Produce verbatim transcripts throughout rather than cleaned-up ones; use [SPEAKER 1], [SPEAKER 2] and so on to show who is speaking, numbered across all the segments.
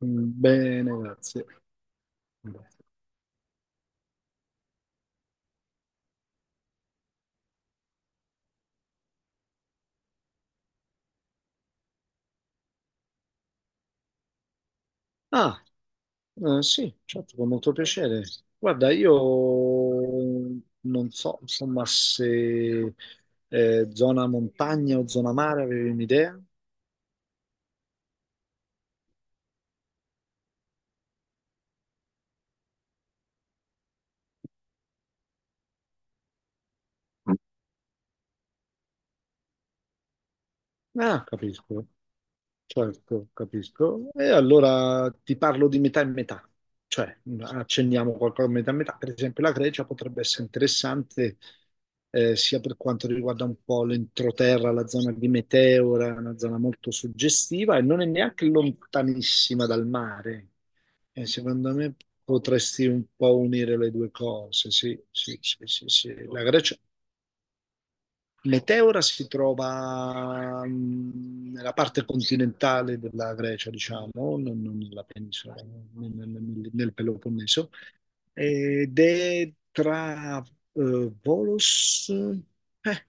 [SPEAKER 1] Bene, grazie. Ah, eh, sì, certo, con molto piacere. Guarda, io non so, insomma, se eh, zona montagna o zona mare avevi un'idea? Ah, capisco. Certo, capisco. E allora ti parlo di metà e metà, cioè accenniamo qualcosa a metà e metà. Per esempio, la Grecia potrebbe essere interessante eh, sia per quanto riguarda un po' l'entroterra, la zona di Meteora, una zona molto suggestiva e non è neanche lontanissima dal mare. E secondo me potresti un po' unire le due cose. Sì, sì, sì, sì, sì. La Grecia Meteora si trova mh, nella parte continentale della Grecia, diciamo, non, non nella penisola, nel, nel- nel Peloponneso, ed è tra eh, Volos, eh,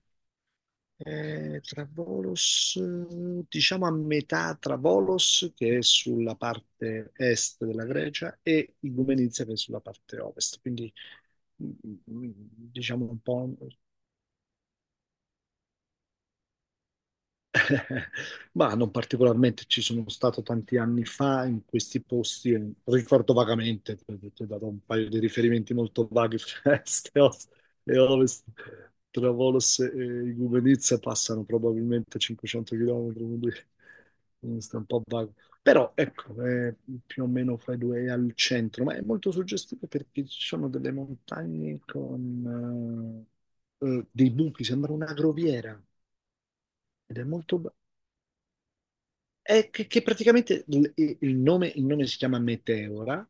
[SPEAKER 1] è tra Volos, eh, diciamo a metà tra Volos, che è sulla parte est della Grecia, e Igoumenizia, che è sulla parte ovest, quindi mh, mh, diciamo un po'. Ma non particolarmente, ci sono stato tanti anni fa in questi posti, e ricordo vagamente, perché ti ho dato un paio di riferimenti molto vaghi, Trieste e Ovest, e Ovest. Tra Volos e Igoumenitsa passano probabilmente cinquecento chilometri, quindi quindi sta un po' vago. Però ecco, è più o meno fra i due è al centro, ma è molto suggestivo perché ci sono delle montagne con eh, eh, dei buchi, sembra una groviera ed è molto è che, che praticamente il, il nome, il nome si chiama Meteora,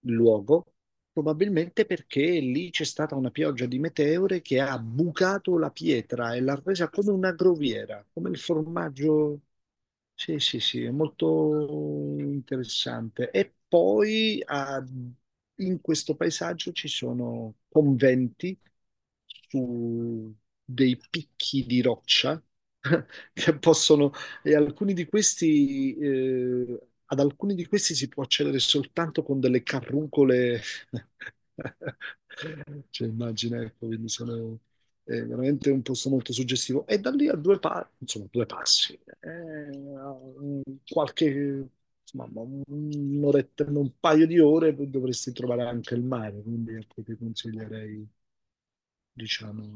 [SPEAKER 1] il luogo, probabilmente perché lì c'è stata una pioggia di meteore che ha bucato la pietra e l'ha resa come una groviera, come il formaggio. Sì, sì, sì, è molto interessante. E poi ah, in questo paesaggio ci sono conventi su dei picchi di roccia che possono, e alcuni di questi, eh, ad alcuni di questi si può accedere soltanto con delle carruncole. Cioè, immagina, ecco, quindi sono è veramente un posto molto suggestivo. E da lì a due, pa- insomma, due passi, eh, qualche, insomma, un'oretta, un paio di ore dovresti trovare anche il mare, quindi ecco, ti consiglierei, diciamo...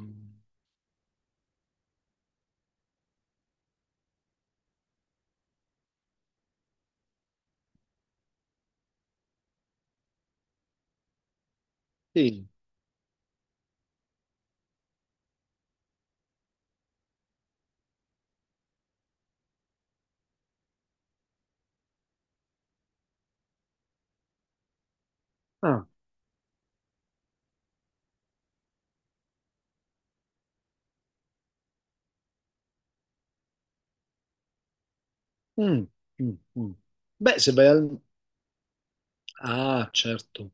[SPEAKER 1] Sì. Ah, mm, mm, mm. Beh, se vai al, Ah, certo,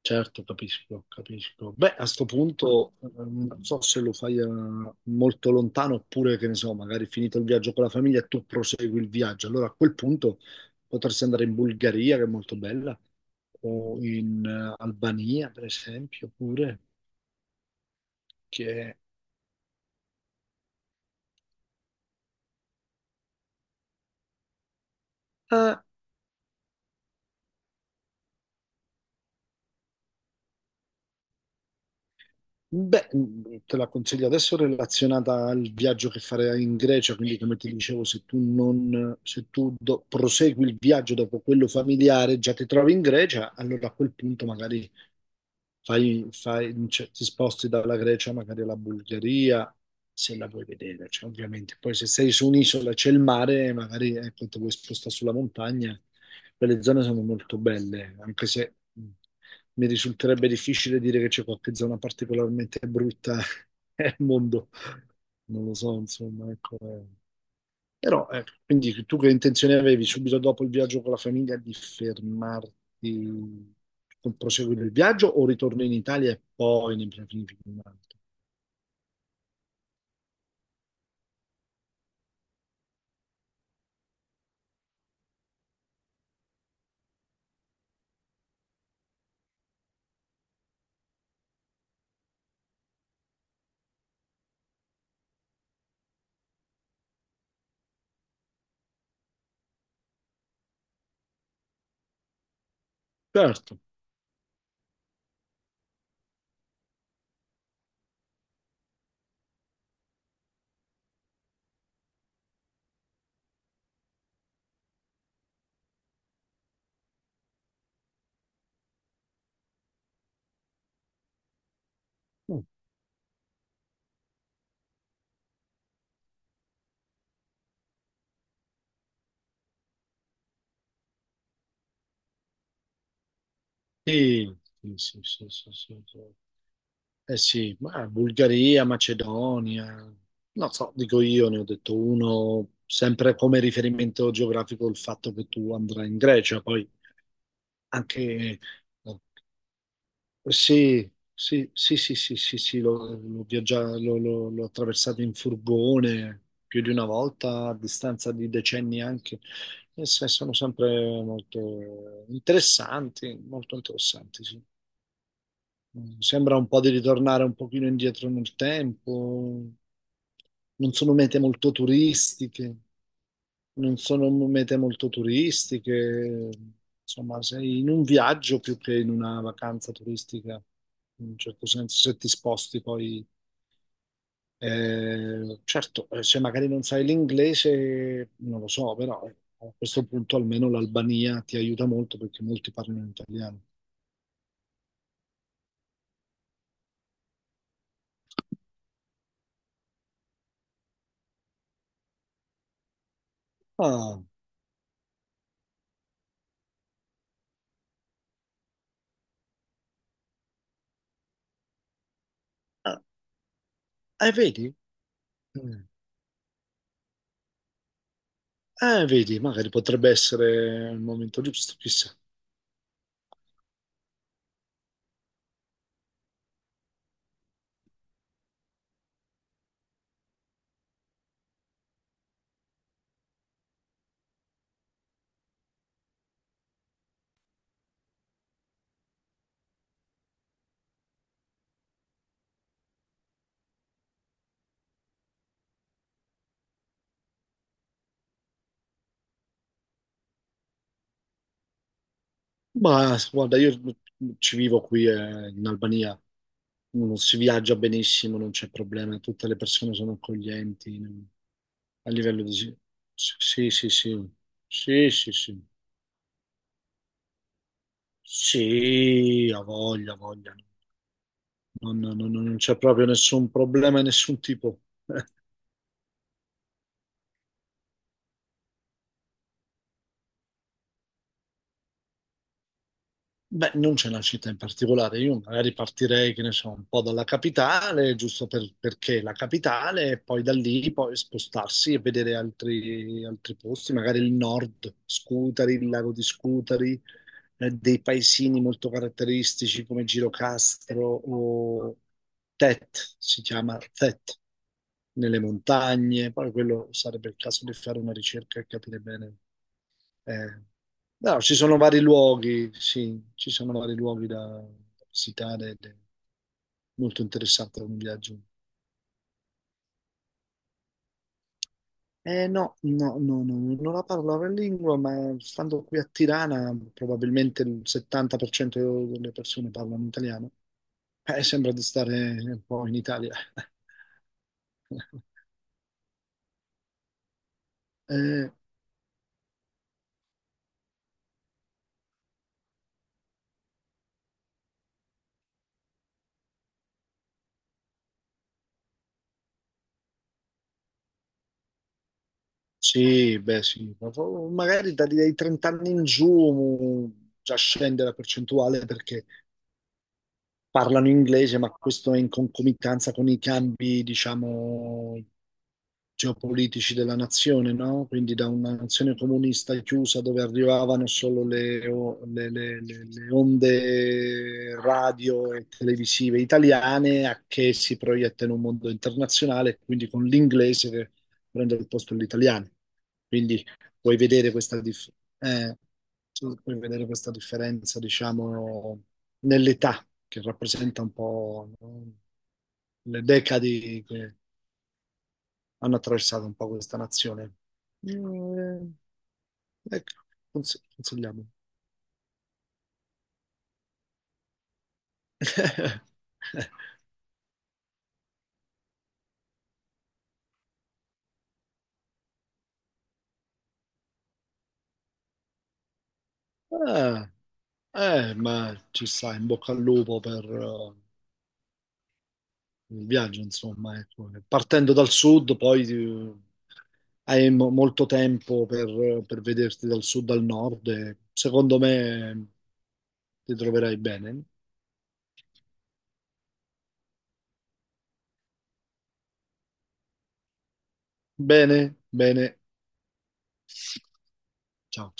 [SPEAKER 1] certo, capisco, capisco. Beh, a sto punto eh, non so se lo fai eh, molto lontano oppure che ne so, magari finito il viaggio con la famiglia e tu prosegui il viaggio. Allora a quel punto potresti andare in Bulgaria, che è molto bella, o in eh, Albania, per esempio, pure, che è eh, Beh, mm, te la consiglio adesso relazionata al viaggio che farai in Grecia, quindi come ti dicevo, se tu, non, se tu do- prosegui il viaggio dopo quello familiare, già ti trovi in Grecia, allora a quel punto magari fai, fai- cioè, ti sposti dalla Grecia magari alla Bulgaria, se la vuoi vedere, cioè, ovviamente. Poi se sei su un'isola c'è il mare, magari ecco, ti vuoi spostare sulla montagna, quelle zone sono molto belle, anche se mh, mi risulterebbe difficile dire che c'è qualche zona particolarmente brutta nel mondo. Non lo so, insomma, ecco. eh. Però, ecco, quindi tu che intenzione avevi subito dopo il viaggio con la famiglia di fermarti, con- proseguire il viaggio o ritorno in Italia e poi ne pianifichi un altro? Certo. Mm. Sì, sì, sì, sì, sì, sì, sì. Eh sì, ma Bulgaria, Macedonia, non so, dico io, ne ho detto uno, sempre come riferimento geografico il fatto che tu andrai in Grecia, poi anche eh, Sì, sì, sì, sì, sì, sì, sì, l'ho l'ho viaggia- l'ho- l'ho- l'ho attraversato in furgone più di una volta, a distanza di decenni anche, e se- sono sempre molto interessanti, molto interessanti, sì. Mm, sembra un po' di ritornare un pochino indietro nel tempo, non sono mete molto turistiche non sono mete molto turistiche, insomma, sei in un viaggio più che in una vacanza turistica, in un certo senso, se ti sposti poi. Eh, certo, eh, se magari non sai l'inglese, non lo so, però eh, a questo punto almeno l'Albania ti aiuta molto perché molti parlano italiano. Ah, ah, eh, vedi? Mm. Eh, vedi, magari potrebbe essere il momento giusto, chissà. Ma guarda, io ci vivo qui eh, in Albania, non si viaggia benissimo, non c'è problema, tutte le persone sono accoglienti non- a livello di... Sì, sì, sì, sì, sì, sì, sì, sì, ha voglia, ha voglia, non, non- non- non c'è proprio nessun problema di nessun tipo. Beh, non c'è una città in particolare, io magari partirei, che ne so, un po' dalla capitale, giusto per- perché è la capitale, e poi da lì poi spostarsi e vedere altri, altri posti, magari il nord, Scutari, il lago di Scutari, eh, dei paesini molto caratteristici come Girocastro o Tet, si chiama Tet, nelle montagne, poi quello sarebbe il caso di fare una ricerca e capire bene. Eh, no, ci sono vari luoghi, sì, ci sono vari luoghi da, da visitare ed è molto interessante un viaggio. Eh no, no, no, no, no, non la parlo la lingua, ma stando qui a Tirana probabilmente il settanta per cento delle persone parlano italiano. Eh, sembra di stare un po' in Italia. Eh, sì, beh, sì, ma po- magari da- dai trenta anni in giù già scende la percentuale perché parlano inglese, ma questo è in concomitanza con i cambi, diciamo, geopolitici della nazione, no? Quindi da una nazione comunista chiusa dove arrivavano solo le, o- le- le- le- le onde radio e televisive italiane a che si proietta in un mondo internazionale, quindi con l'inglese che prende il posto dell'italiano. Quindi puoi vedere questa, dif- eh, tu puoi vedere questa differenza, diciamo, nell'età, che rappresenta un po', no, le decadi che hanno attraversato un po' questa nazione. Mm, ecco, consig- consigliamo. Eh, eh, ma ci sta, in bocca al lupo per eh, il viaggio, insomma. Ecco. Partendo dal sud, poi eh, hai mo- molto tempo per, per vederti dal sud al nord e secondo me ti troverai bene. Bene, bene. Ciao.